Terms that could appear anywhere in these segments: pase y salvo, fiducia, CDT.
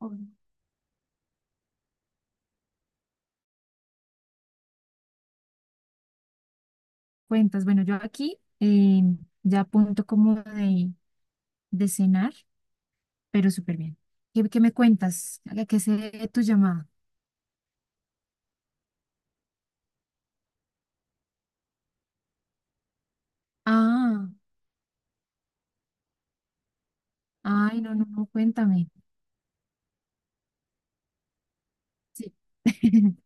O Cuentas, bueno, yo aquí ya punto como de cenar, pero súper bien. ¿Qué me cuentas? ¿A qué sé tu llamada? Ah, ay, no, cuéntame. Sí,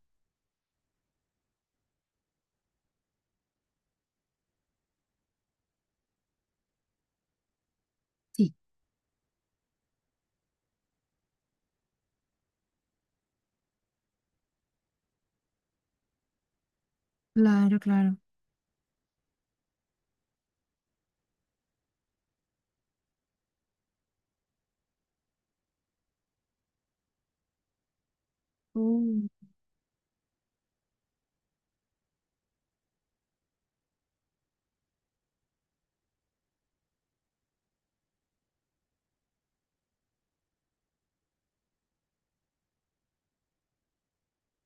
sí, claro, claro. Uh,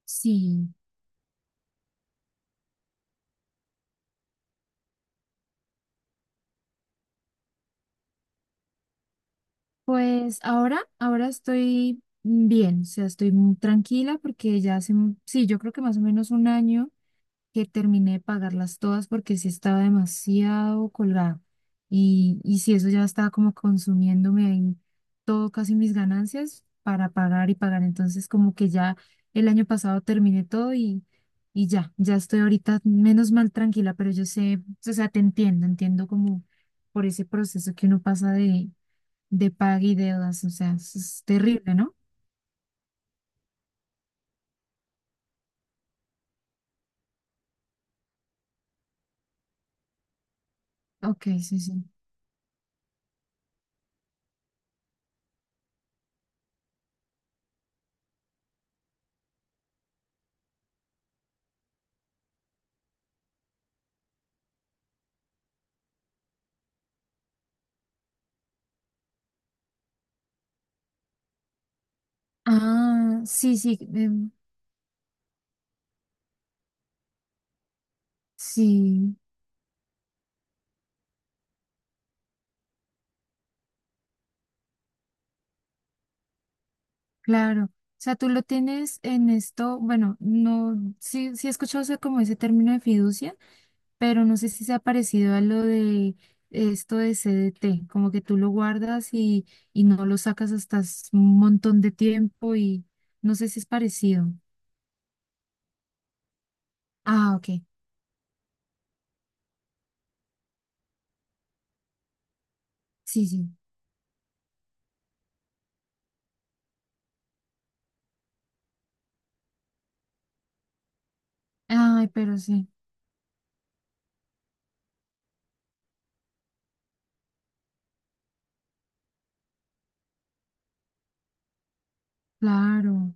sí, pues ahora estoy bien, o sea, estoy muy tranquila porque ya hace, un- sí, yo creo que más o menos un año. Que terminé de pagarlas todas porque sí estaba demasiado colgado. Y si eso ya estaba como consumiéndome ahí todo, casi mis ganancias para pagar y pagar. Entonces como que ya el año pasado terminé todo, y ya, ya estoy ahorita menos mal tranquila, pero yo sé, o sea, te entiendo, entiendo como por ese proceso que uno pasa de paga y deudas. O sea, es terrible, ¿no? Ok, sí, sí. Ah, sí, sí, sí. Claro, o sea, tú lo tienes en esto, bueno, no, sí, sí he escuchado, o sea, como ese término de fiducia, pero no sé si se ha parecido a lo de esto de CDT, como que tú lo guardas y no lo sacas hasta s- un montón de tiempo y no sé si es parecido. Ah, ok, sí, sí. Ay, pero sí, claro,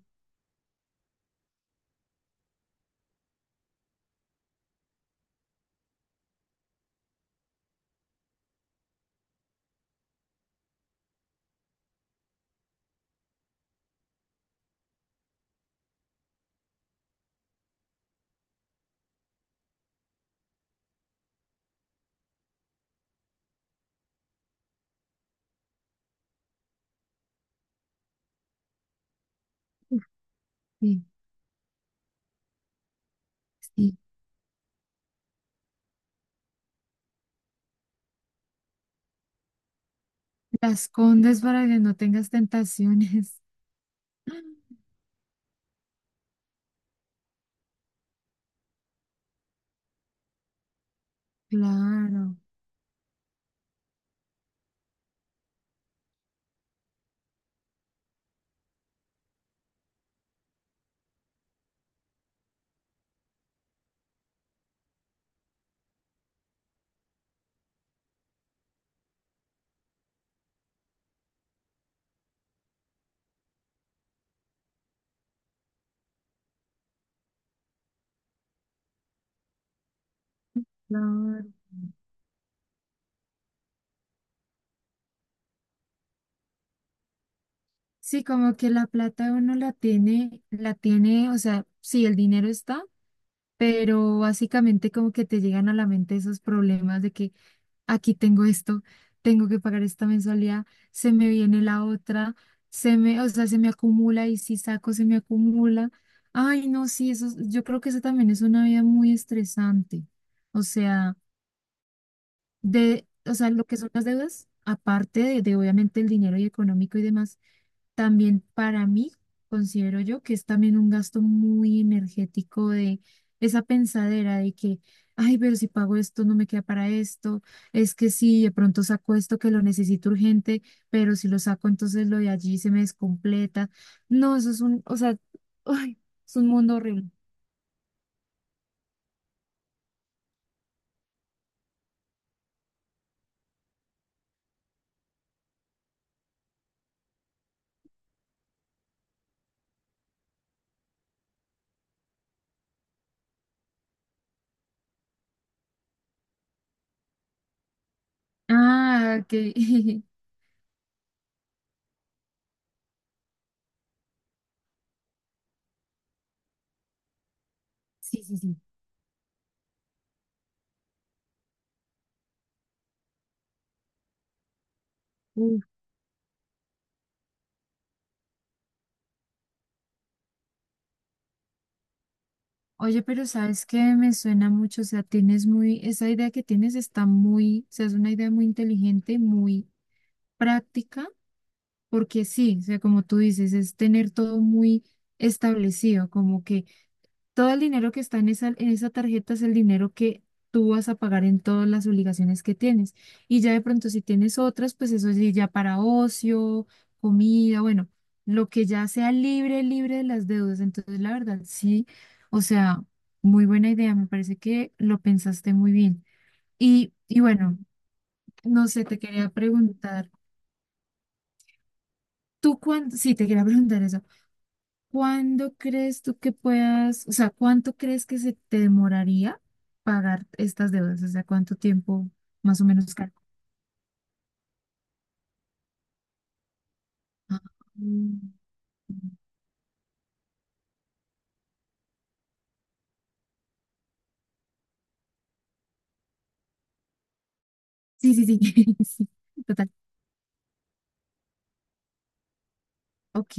sí, sí. La escondes para que no tengas tentaciones. Claro, claro. Sí, como que la plata uno la tiene, o sea, sí, el dinero está, pero básicamente como que te llegan a la mente esos problemas de que aquí tengo esto, tengo que pagar esta mensualidad, se me viene la otra, se me, o sea, se me acumula y si saco se me acumula. Ay, no, sí, eso, es- yo creo que eso también es una vida muy estresante. O sea, de, o sea, lo que son las deudas, aparte de obviamente el dinero y económico y demás también para mí, considero yo que es también un gasto muy energético de esa pensadera de que, ay, pero si pago esto, no me queda para esto, es que si de pronto saco esto que lo necesito urgente, pero si lo saco, entonces lo de allí se me descompleta. No, eso es un, o sea, ay, es un mundo horrible. Ah, que Sí, sí, sí. Uf. Oye, pero sabes que me suena mucho, o sea, tienes muy, esa idea que tienes está muy, o sea, es una idea muy inteligente, muy práctica, porque sí, o sea, como tú dices, es tener todo muy establecido, como que todo el dinero que está en esa tarjeta es el dinero que tú vas a pagar en todas las obligaciones que tienes. Y ya de pronto si tienes otras, pues eso sí, ya para ocio, comida, bueno, lo que ya sea libre, libre de las deudas. Entonces, la verdad, sí, o sea, muy buena idea, me parece que lo pensaste muy bien. Y bueno, no sé, te quería preguntar. Tú cuándo, sí, te quería preguntar eso. ¿Cuándo crees tú que puedas, o sea, cuánto crees que se te demoraría pagar estas deudas? O sea, ¿cuánto tiempo más o menos calculas? Ah, mm, sí, sí, sí, sí, total. Ok,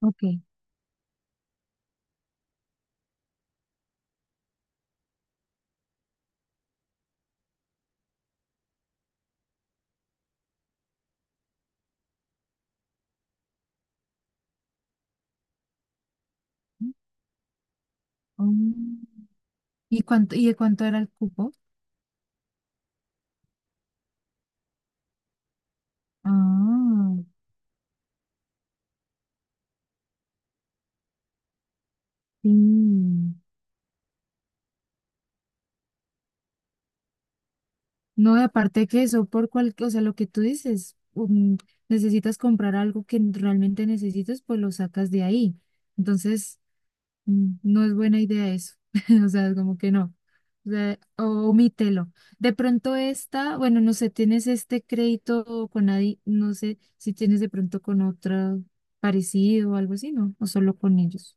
ok. Mm, ¿y de cuánto era el cupo? Ah, sí. No, y aparte que eso, por cual, o sea, lo que tú dices, necesitas comprar algo que realmente necesites, pues lo sacas de ahí. Entonces, mm, no es buena idea eso. O sea, es como que no. O sea, o- omítelo. De pronto esta, bueno, no sé, tienes este crédito con nadie, no sé si tienes de pronto con otra parecido o algo así, ¿no? O solo con ellos.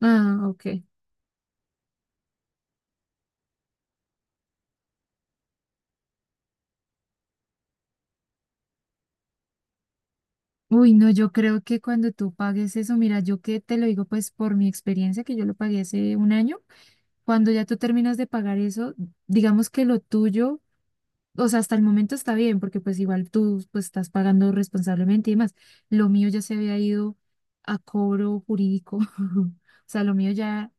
Ah, ok. Uy, no, yo creo que cuando tú pagues eso, mira, yo que te lo digo pues por mi experiencia, que yo lo pagué hace un año, cuando ya tú terminas de pagar eso, digamos que lo tuyo, o sea, hasta el momento está bien, porque pues igual tú pues estás pagando responsablemente y demás. Lo mío ya se había ido a cobro jurídico. O sea, lo mío ya,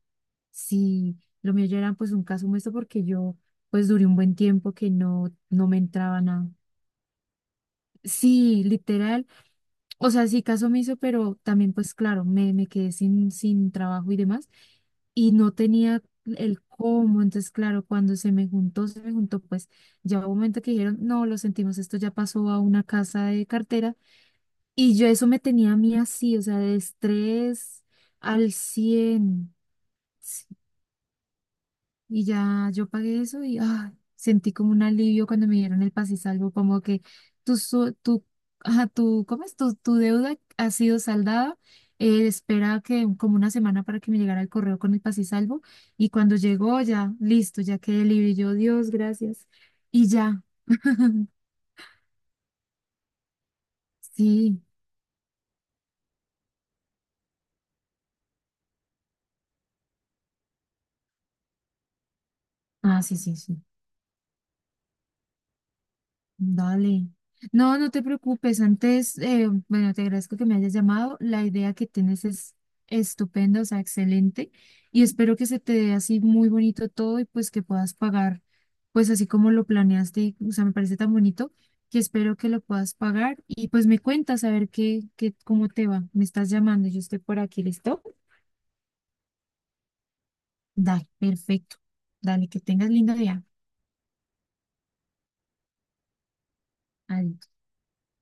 sí, lo mío ya era pues un caso muerto porque yo pues duré un buen tiempo que no, no me entraba nada. Sí, literal, o sea, sí, caso me hizo, pero también, pues claro, me quedé sin trabajo y demás. Y no tenía el cómo. Entonces, claro, cuando se me juntó, pues ya hubo un momento que dijeron, no, lo sentimos, esto ya pasó a una casa de cartera. Y yo eso me tenía a mí así, o sea, de estrés al 100. Y ya yo pagué eso y ah, sentí como un alivio cuando me dieron el pase y salvo, como que tu, su- tu, ajá, tu, ¿cómo es? Tu deuda ha sido saldada. Eh, espera que como una semana para que me llegara el correo con el pase y salvo. Y cuando llegó ya, listo, ya quedé libre. Y yo, Dios, gracias. Y ya, sí. Ah, sí, sí, sí. Dale. No, no te preocupes. Antes, bueno, te agradezco que me hayas llamado. La idea que tienes es estupenda, o sea, excelente. Y espero que se te dé así muy bonito todo y pues que puedas pagar, pues así como lo planeaste. O sea, me parece tan bonito que espero que lo puedas pagar. Y pues me cuentas a ver qué, cómo te va. Me estás llamando, yo estoy por aquí, ¿listo? Dale, perfecto. Dale, que tengas lindo día. Adiós.